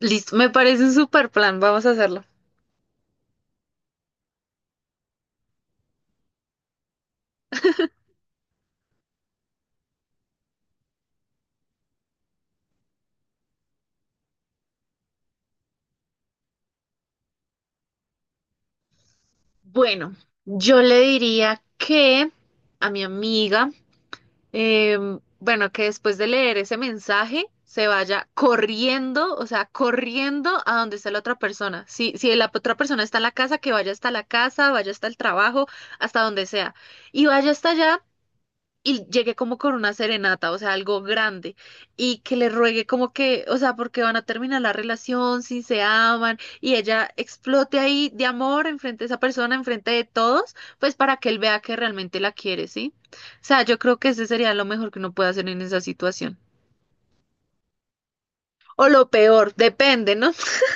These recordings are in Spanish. Listo, me parece un super plan, vamos a hacerlo. Bueno, yo le diría que a mi amiga, bueno, que después de leer ese mensaje se vaya corriendo, o sea, corriendo a donde está la otra persona. Si la otra persona está en la casa, que vaya hasta la casa, vaya hasta el trabajo, hasta donde sea. Y vaya hasta allá y llegue como con una serenata, o sea, algo grande, y que le ruegue como que, o sea, porque van a terminar la relación, si se aman, y ella explote ahí de amor enfrente de esa persona, enfrente de todos, pues para que él vea que realmente la quiere, ¿sí? O sea, yo creo que ese sería lo mejor que uno puede hacer en esa situación. O lo peor, depende, ¿no?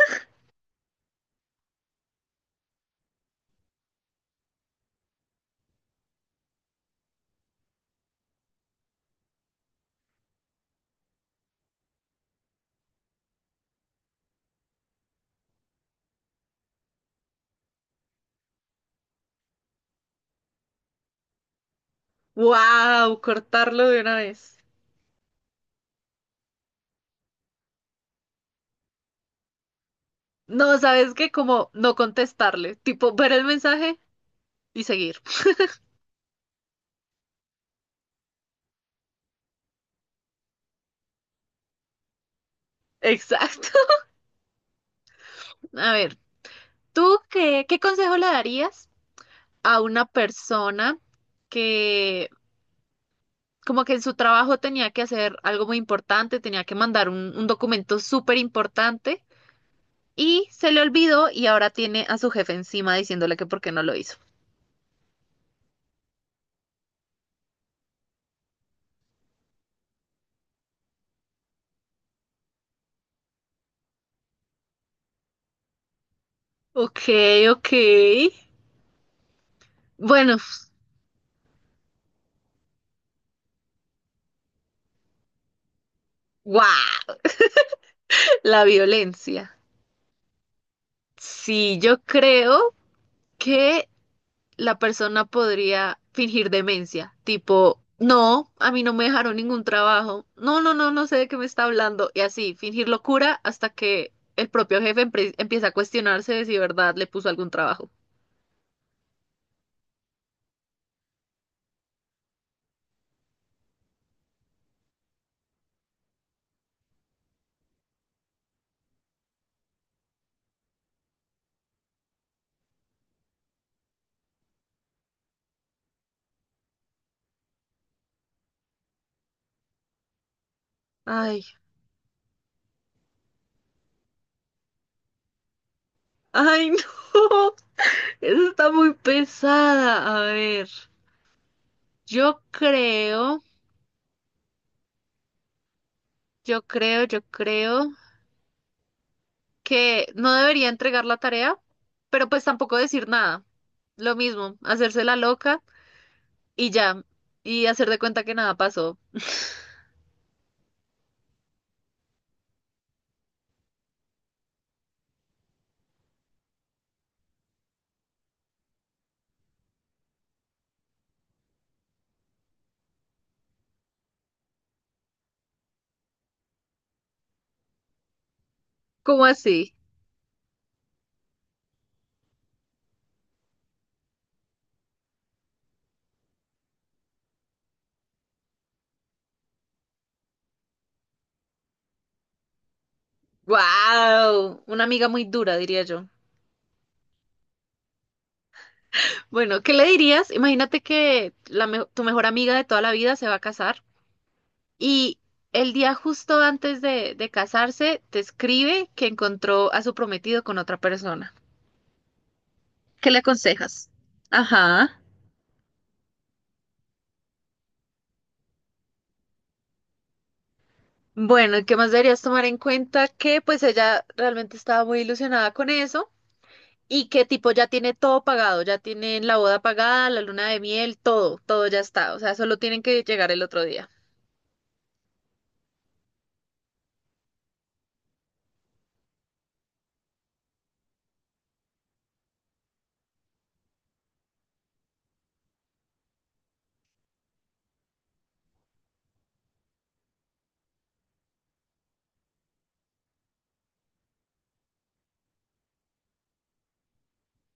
¡Wow! Cortarlo de una vez. No, ¿sabes qué? Como no contestarle, tipo ver el mensaje y seguir. Exacto. A ver, ¿tú qué consejo le darías a una persona que como que en su trabajo tenía que hacer algo muy importante, tenía que mandar un documento súper importante y se le olvidó y ahora tiene a su jefe encima diciéndole que por qué no lo hizo? Ok, ok. Bueno, ¡guau! La violencia. Sí, yo creo que la persona podría fingir demencia, tipo, no, a mí no me dejaron ningún trabajo, no, no, no, no sé de qué me está hablando, y así, fingir locura hasta que el propio jefe empieza a cuestionarse de si verdad le puso algún trabajo. Ay, ay, no, eso está muy pesada. A ver, yo creo, yo creo que no debería entregar la tarea, pero pues tampoco decir nada. Lo mismo, hacerse la loca y ya, y hacer de cuenta que nada pasó. ¿Cómo así? ¡Wow! Una amiga muy dura, diría yo. Bueno, ¿qué le dirías? Imagínate que tu mejor amiga de toda la vida se va a casar y el día justo antes de casarse te escribe que encontró a su prometido con otra persona. ¿Qué le aconsejas? Ajá. Bueno, ¿y qué más deberías tomar en cuenta? Que pues ella realmente estaba muy ilusionada con eso. Y que tipo ya tiene todo pagado, ya tienen la boda pagada, la luna de miel, todo, todo ya está. O sea, solo tienen que llegar el otro día.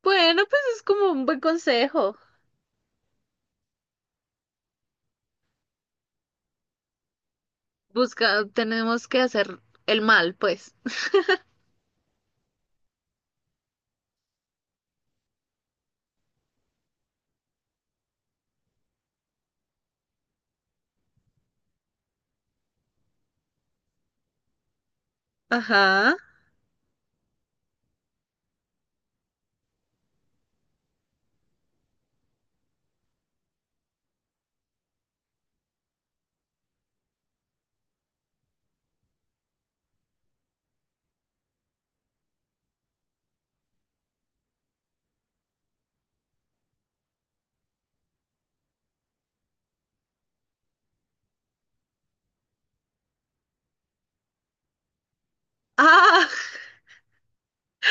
Bueno, pues es como un buen consejo. Busca, tenemos que hacer el mal, pues. Ajá. Ah,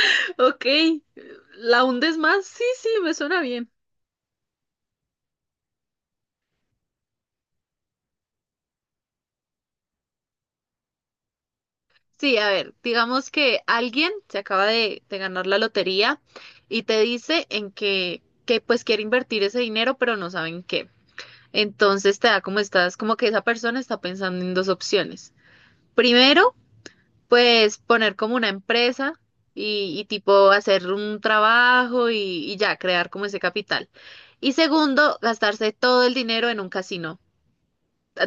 ok. ¿La hundes más? Sí, sí, me suena bien. Sí, a ver, digamos que alguien se acaba de ganar la lotería y te dice en que pues quiere invertir ese dinero, pero no saben qué. Entonces te da como estás, como que esa persona está pensando en dos opciones. Primero, pues poner como una empresa y tipo hacer un trabajo y ya crear como ese capital. Y segundo, gastarse todo el dinero en un casino.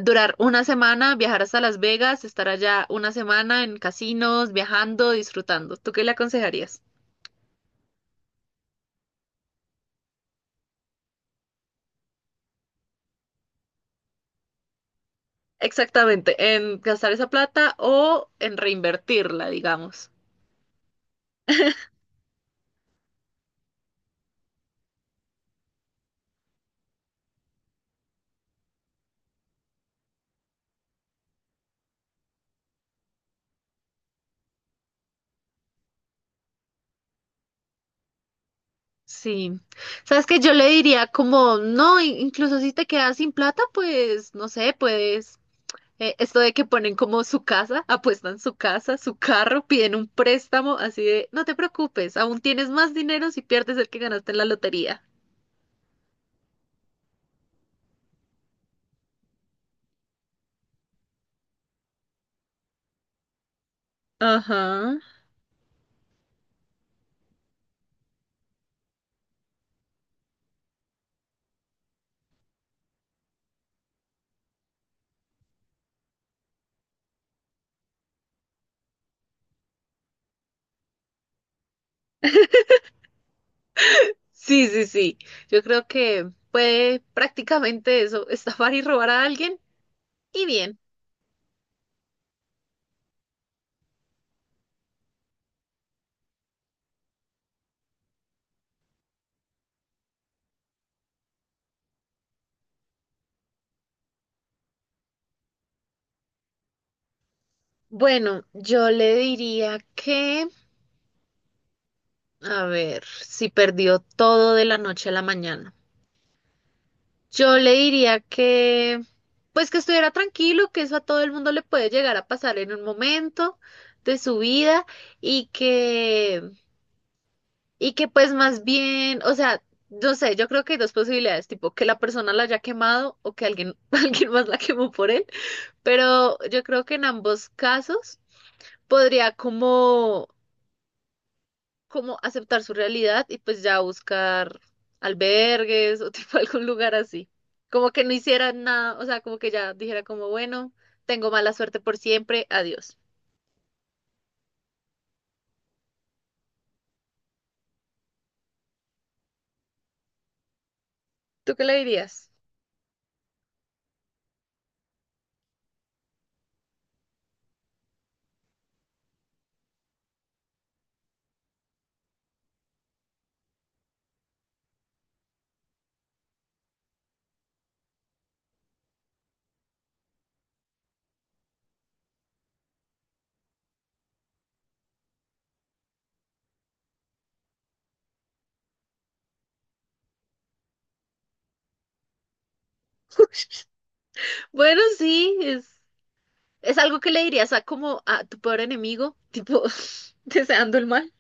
Durar una semana, viajar hasta Las Vegas, estar allá una semana en casinos, viajando, disfrutando. ¿Tú qué le aconsejarías? Exactamente, en gastar esa plata o en reinvertirla, digamos. Sí, sabes que yo le diría como, no, incluso si te quedas sin plata, pues no sé, puedes, esto de que ponen como su casa, apuestan su casa, su carro, piden un préstamo, así de, no te preocupes, aún tienes más dinero si pierdes el que ganaste en la lotería. Ajá. Sí, sí, sí, yo creo que puede prácticamente eso, estafar y robar a alguien y bien. Bueno, yo le diría que, a ver, si perdió todo de la noche a la mañana. Yo le diría que, pues que estuviera tranquilo, que eso a todo el mundo le puede llegar a pasar en un momento de su vida y que, y que pues más bien, o sea, no sé, yo creo que hay dos posibilidades, tipo que la persona la haya quemado o que alguien, alguien más la quemó por él, pero yo creo que en ambos casos podría como como aceptar su realidad y pues ya buscar albergues o tipo algún lugar así. Como que no hiciera nada, o sea, como que ya dijera como, bueno, tengo mala suerte por siempre, adiós. ¿Tú qué le dirías? Bueno, sí, es algo que le dirías a como a tu peor enemigo, tipo deseando el mal.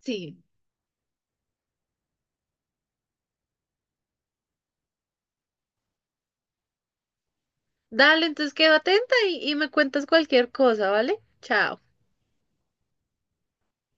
Sí. Dale, entonces quedo atenta y me cuentas cualquier cosa, ¿vale? Chao.